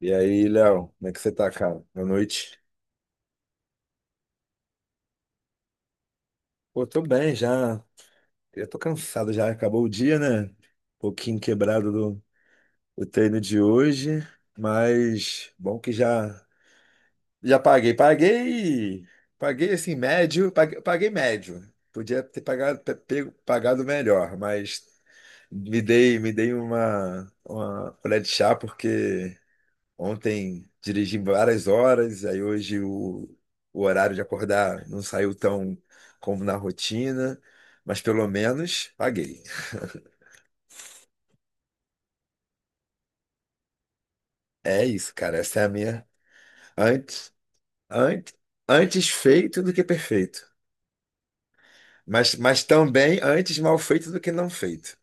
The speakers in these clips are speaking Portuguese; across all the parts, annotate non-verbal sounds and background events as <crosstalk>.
E aí, Léo, como é que você tá, cara? Boa noite. Pô, tô bem já. Eu tô cansado já, acabou o dia, né? Um pouquinho quebrado do treino de hoje, mas bom que já já paguei. Paguei, paguei assim, médio, paguei, paguei médio. Podia ter pagado, pagado melhor, mas me dei uma colher de chá porque ontem dirigi várias horas, aí hoje o horário de acordar não saiu tão como na rotina, mas pelo menos paguei. É isso, cara. Essa é a minha. Antes, antes, antes feito do que perfeito. Mas, também antes mal feito do que não feito.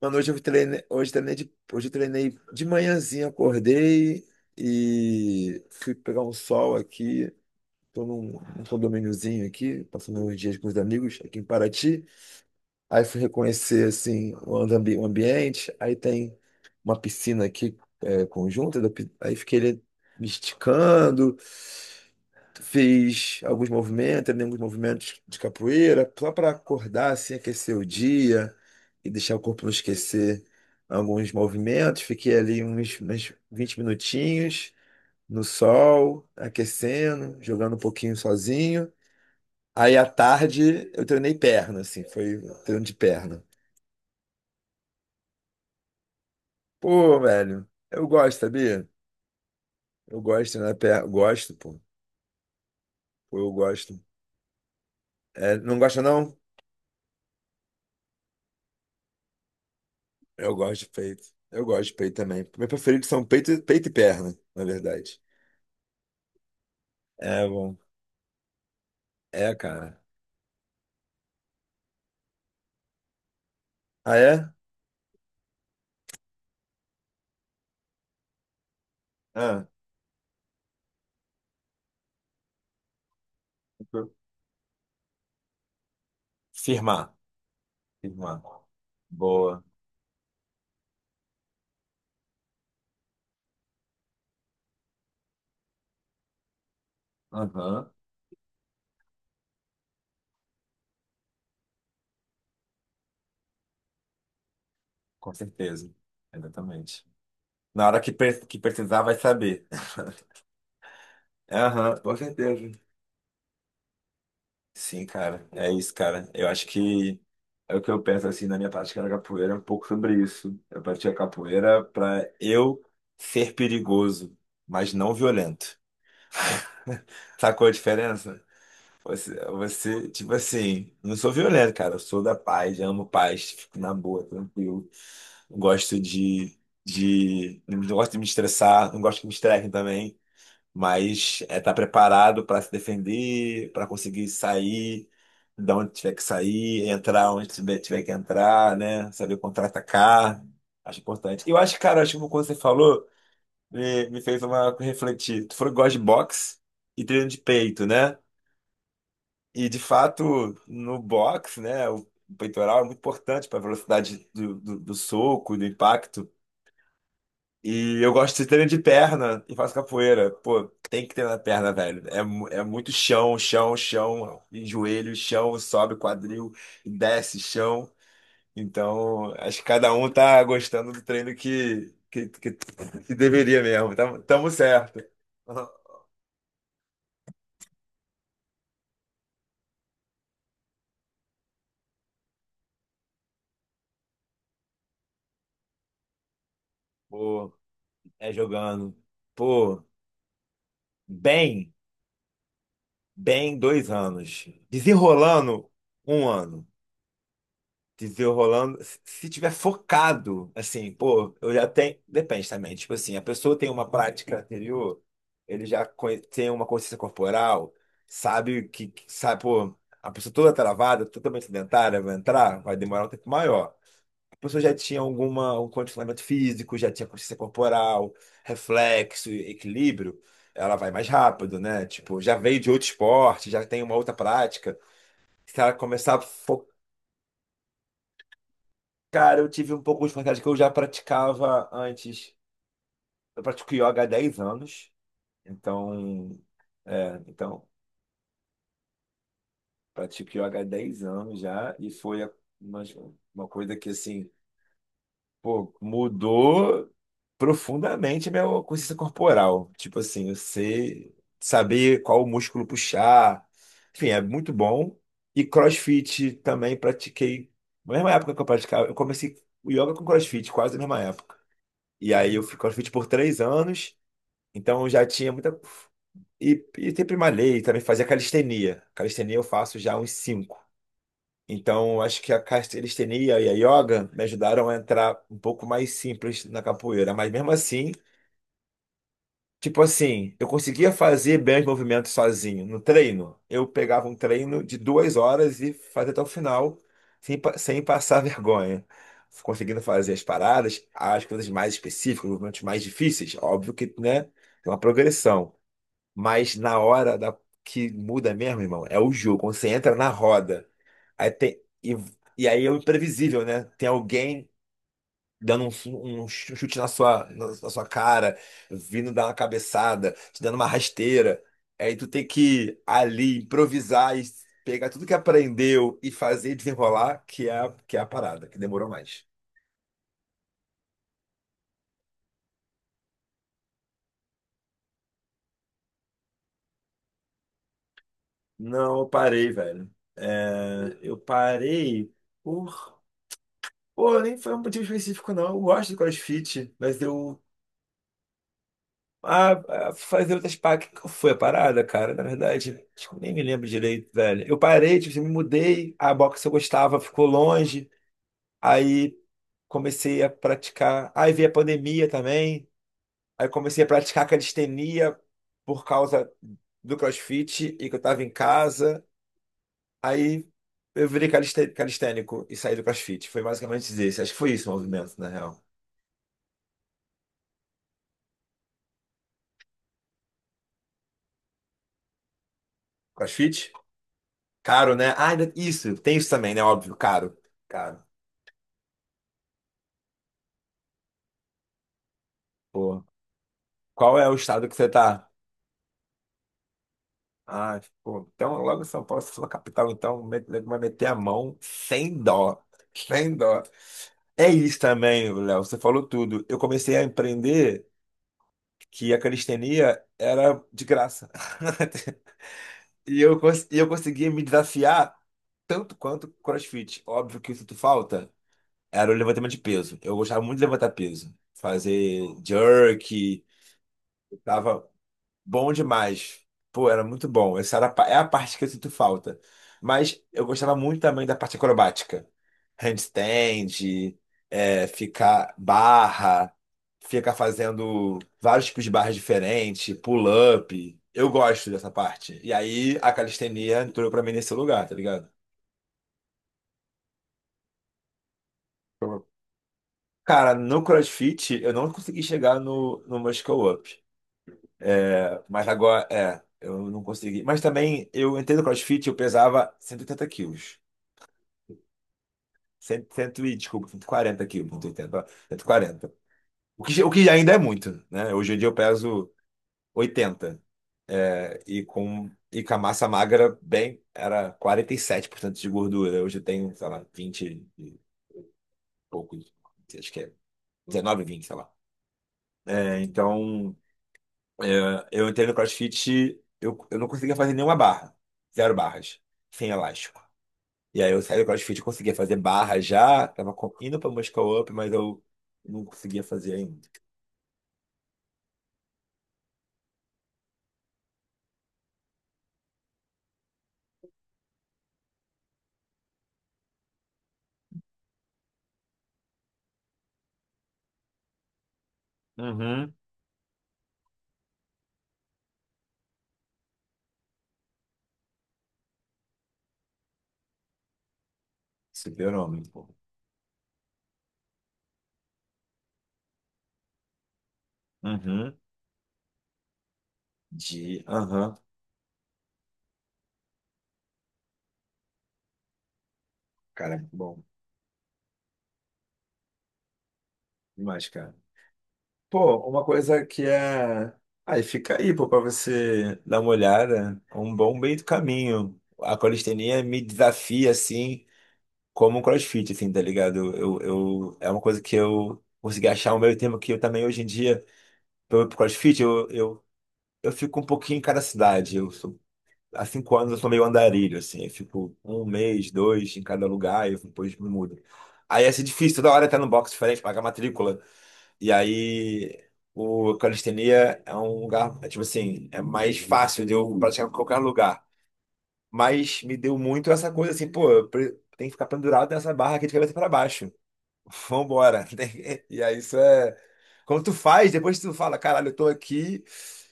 Mano, hoje eu treinei de manhãzinha, acordei e fui pegar um sol aqui. Tô num condomíniozinho aqui, passando uns dias com os amigos aqui em Paraty. Aí fui reconhecer assim o o ambiente, aí tem uma piscina aqui é, conjunta, aí fiquei ali me esticando, fiz alguns movimentos, treinei alguns movimentos de capoeira, só para acordar assim, aquecer o dia e deixar o corpo não esquecer alguns movimentos. Fiquei ali uns 20 minutinhos no sol, aquecendo, jogando um pouquinho sozinho. Aí à tarde eu treinei perna, assim, foi treino de perna. Pô, velho, eu gosto, sabia? Eu gosto, né? Gosto, pô. Pô, eu gosto. É, não gosta, não? Eu gosto de peito. Eu gosto de peito também. Meu preferido são peito, peito e perna, na verdade. É, bom. É, cara. Ah, é? Ah, firmar. Firmar. Boa. Aham, com certeza. Exatamente. Na hora que, que precisar, vai saber. <laughs> Aham, com certeza. Sim, cara, é isso, cara. Eu acho que é o que eu penso assim na minha prática da capoeira, é um pouco sobre isso. Eu pratiquei a capoeira pra eu ser perigoso, mas não violento. <laughs> Sacou a diferença? Tipo assim, não sou violento, cara. Eu sou da paz, eu amo paz, fico na boa, tranquilo. Não gosto não gosto de me estressar, não gosto que me estressem também, mas é estar preparado para se defender, para conseguir sair da onde tiver que sair, entrar onde tiver que entrar, né? Saber contra-atacar. Acho importante. Eu acho, cara, acho que quando você falou, me fez uma refletir. Tu falou que gosta de boxe e treino de peito, né? E de fato, no boxe, né? O peitoral é muito importante para a velocidade do soco, do impacto. E eu gosto de treinar de perna e faço capoeira. Pô, tem que treinar perna, velho. É, é muito chão, chão, chão, e joelho, chão, sobe quadril, desce chão. Então, acho que cada um tá gostando do treino que deveria mesmo. Tamo, tamo certo. <laughs> Pô, é jogando. Pô, bem, bem dois anos. Desenrolando um ano. Dizer rolando, se tiver focado, assim, pô, eu já tenho. Depende também. Tipo assim, a pessoa tem uma prática anterior, ele já tem uma consciência corporal, sabe o que, sabe, pô, a pessoa toda travada, totalmente sedentária, vai entrar, vai demorar um tempo maior. A pessoa já tinha alguma, um condicionamento físico, já tinha consciência corporal, reflexo, equilíbrio, ela vai mais rápido, né? Tipo, já veio de outro esporte, já tem uma outra prática. Se ela começar a fo- Cara, eu tive um pouco de vontade que eu já praticava antes. Eu pratico yoga há 10 anos, então, é, então, pratico yoga há 10 anos já, e foi uma, uma coisa que, assim, pô, mudou profundamente a minha consciência corporal. Tipo assim, eu sei saber qual músculo puxar, enfim, é muito bom. E CrossFit também pratiquei, na mesma época que eu praticava, eu comecei o yoga com CrossFit, quase na mesma época. E aí eu fui CrossFit por 3 anos, então eu já tinha muita. E sempre malhei, também fazia calistenia. Calistenia eu faço já há uns cinco. Então eu acho que a calistenia e a yoga me ajudaram a entrar um pouco mais simples na capoeira. Mas mesmo assim, tipo assim, eu conseguia fazer bem os movimentos sozinho no treino. Eu pegava um treino de 2 horas e fazia até o final, sem, sem passar <laughs> vergonha. Conseguindo fazer as paradas, as coisas mais específicas, os movimentos mais difíceis. Óbvio que, né, tem uma progressão. Mas na hora da, que muda mesmo, irmão, é o jogo. Quando você entra na roda, aí tem, e, e aí é o imprevisível, né? Tem alguém dando um, um chute na sua, na sua cara, vindo dar uma cabeçada, te dando uma rasteira. Aí tu tem que ali improvisar e pegar tudo que aprendeu e fazer desenrolar, que é, que é a parada, que demorou mais. Não, eu parei, velho. É, eu parei por. Pô, nem foi um motivo específico, não. Eu gosto de CrossFit, mas eu Ah, fazer outras paradas. Que foi a parada, cara? Na verdade, acho que eu nem me lembro direito, velho. Eu parei, tipo, assim, me mudei, a boxe que eu gostava ficou longe, aí comecei a praticar. Aí veio a pandemia também, aí comecei a praticar calistenia por causa do CrossFit e que eu tava em casa. Aí eu virei calistênico e saí do CrossFit. Foi basicamente isso. Acho que foi isso o movimento, na real. CrossFit? Caro, né? Ah, isso, tem isso também, né? Óbvio, caro. Caro. Porra. Qual é o estado que você tá? Ah, pô, então logo São Paulo, se for capital, então vai meter a mão sem dó. Sem dó. É isso também, Léo, você falou tudo. Eu comecei a empreender que a calistenia era de graça. <laughs> E eu conseguia me desafiar tanto quanto CrossFit. Óbvio que eu sinto falta era o levantamento de peso. Eu gostava muito de levantar peso. Fazer jerk, tava bom demais. Pô, era muito bom. Essa era a é a parte que eu sinto falta. Mas eu gostava muito também da parte acrobática. Handstand, é, ficar barra, ficar fazendo vários tipos de barras diferentes, pull-up. Eu gosto dessa parte. E aí a calistenia entrou pra mim nesse lugar, tá ligado? Cara, no CrossFit eu não consegui chegar no Muscle Up. Mas agora, é, eu não consegui. Mas também, eu entrei no CrossFit, eu pesava 180 quilos. Cento, cento e, desculpa, 140 quilos, 180, 140. O que ainda é muito, né? Hoje em dia eu peso oitenta, é, e com a massa magra, bem, era 47% de gordura. Hoje eu tenho, sei lá, 20 e pouco. Acho que é 19, 20, sei lá. É, então, é, eu entrei no CrossFit, eu não conseguia fazer nenhuma barra. Zero barras. Sem elástico. E aí eu saí do CrossFit, eu conseguia fazer barra já, tava indo pra Muscle Up, mas eu não conseguia fazer ainda. Uhum, super-homem, pô. Uhum. De. Aham. Cara, muito bom. Demais, cara. Pô, uma coisa que é. Aí fica aí, pô, pra você dar uma olhada. É um bom meio do caminho. A calistenia me desafia, assim, como o CrossFit, assim, tá ligado? É uma coisa que eu consegui achar o meio termo que eu também, hoje em dia, pro CrossFit, eu fico um pouquinho em cada cidade. Eu sou, há 5 anos eu sou meio andarilho, assim. Eu fico um mês, dois em cada lugar e eu depois me mudo. Aí ia ser difícil, toda hora estar num box diferente, pagar matrícula. E aí o calistenia é um lugar, é tipo assim, é mais fácil de eu praticar em qualquer lugar. Mas me deu muito essa coisa assim, pô, eu tem que ficar pendurado nessa barra aqui de cabeça para baixo. Vambora. <laughs> E aí isso é. Quando tu faz, depois tu fala, caralho, eu tô aqui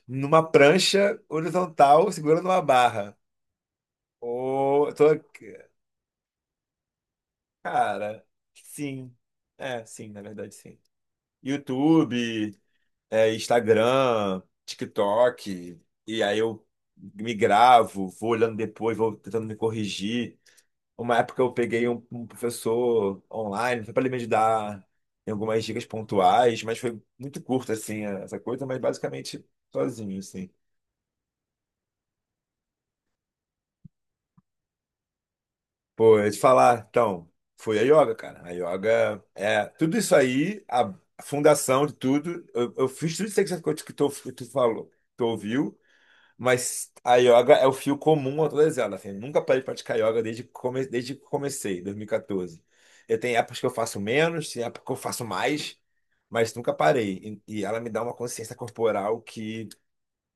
numa prancha horizontal segurando uma barra. Ou eu tô aqui. Cara, sim. É, sim, na verdade, sim. YouTube, é, Instagram, TikTok. E aí eu me gravo, vou olhando depois, vou tentando me corrigir. Uma época eu peguei um professor online, foi para ele me dar em algumas dicas pontuais, mas foi muito curto, assim, essa coisa, mas basicamente sozinho, assim. Pô, eu ia te falar, então, foi a yoga, cara. A yoga é tudo isso aí, a fundação de tudo. Eu fiz tudo isso aí que tu, falou, tu ouviu. Mas a yoga é o fio comum a todas elas. Assim, eu nunca parei de praticar yoga desde, desde que comecei, 2014. Eu tenho épocas que eu faço menos, tem épocas que eu faço mais, mas nunca parei. E ela me dá uma consciência corporal que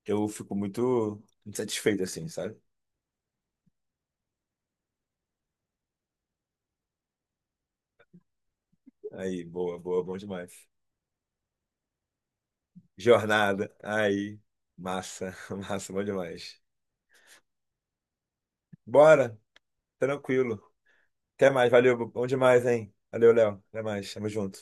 eu fico muito muito satisfeito, assim, sabe? Aí, boa, boa, bom demais. Jornada, aí, massa, <laughs> massa, bom demais. Bora, tranquilo. Até mais, valeu, bom demais, hein? Valeu, Léo. Até mais, tamo junto.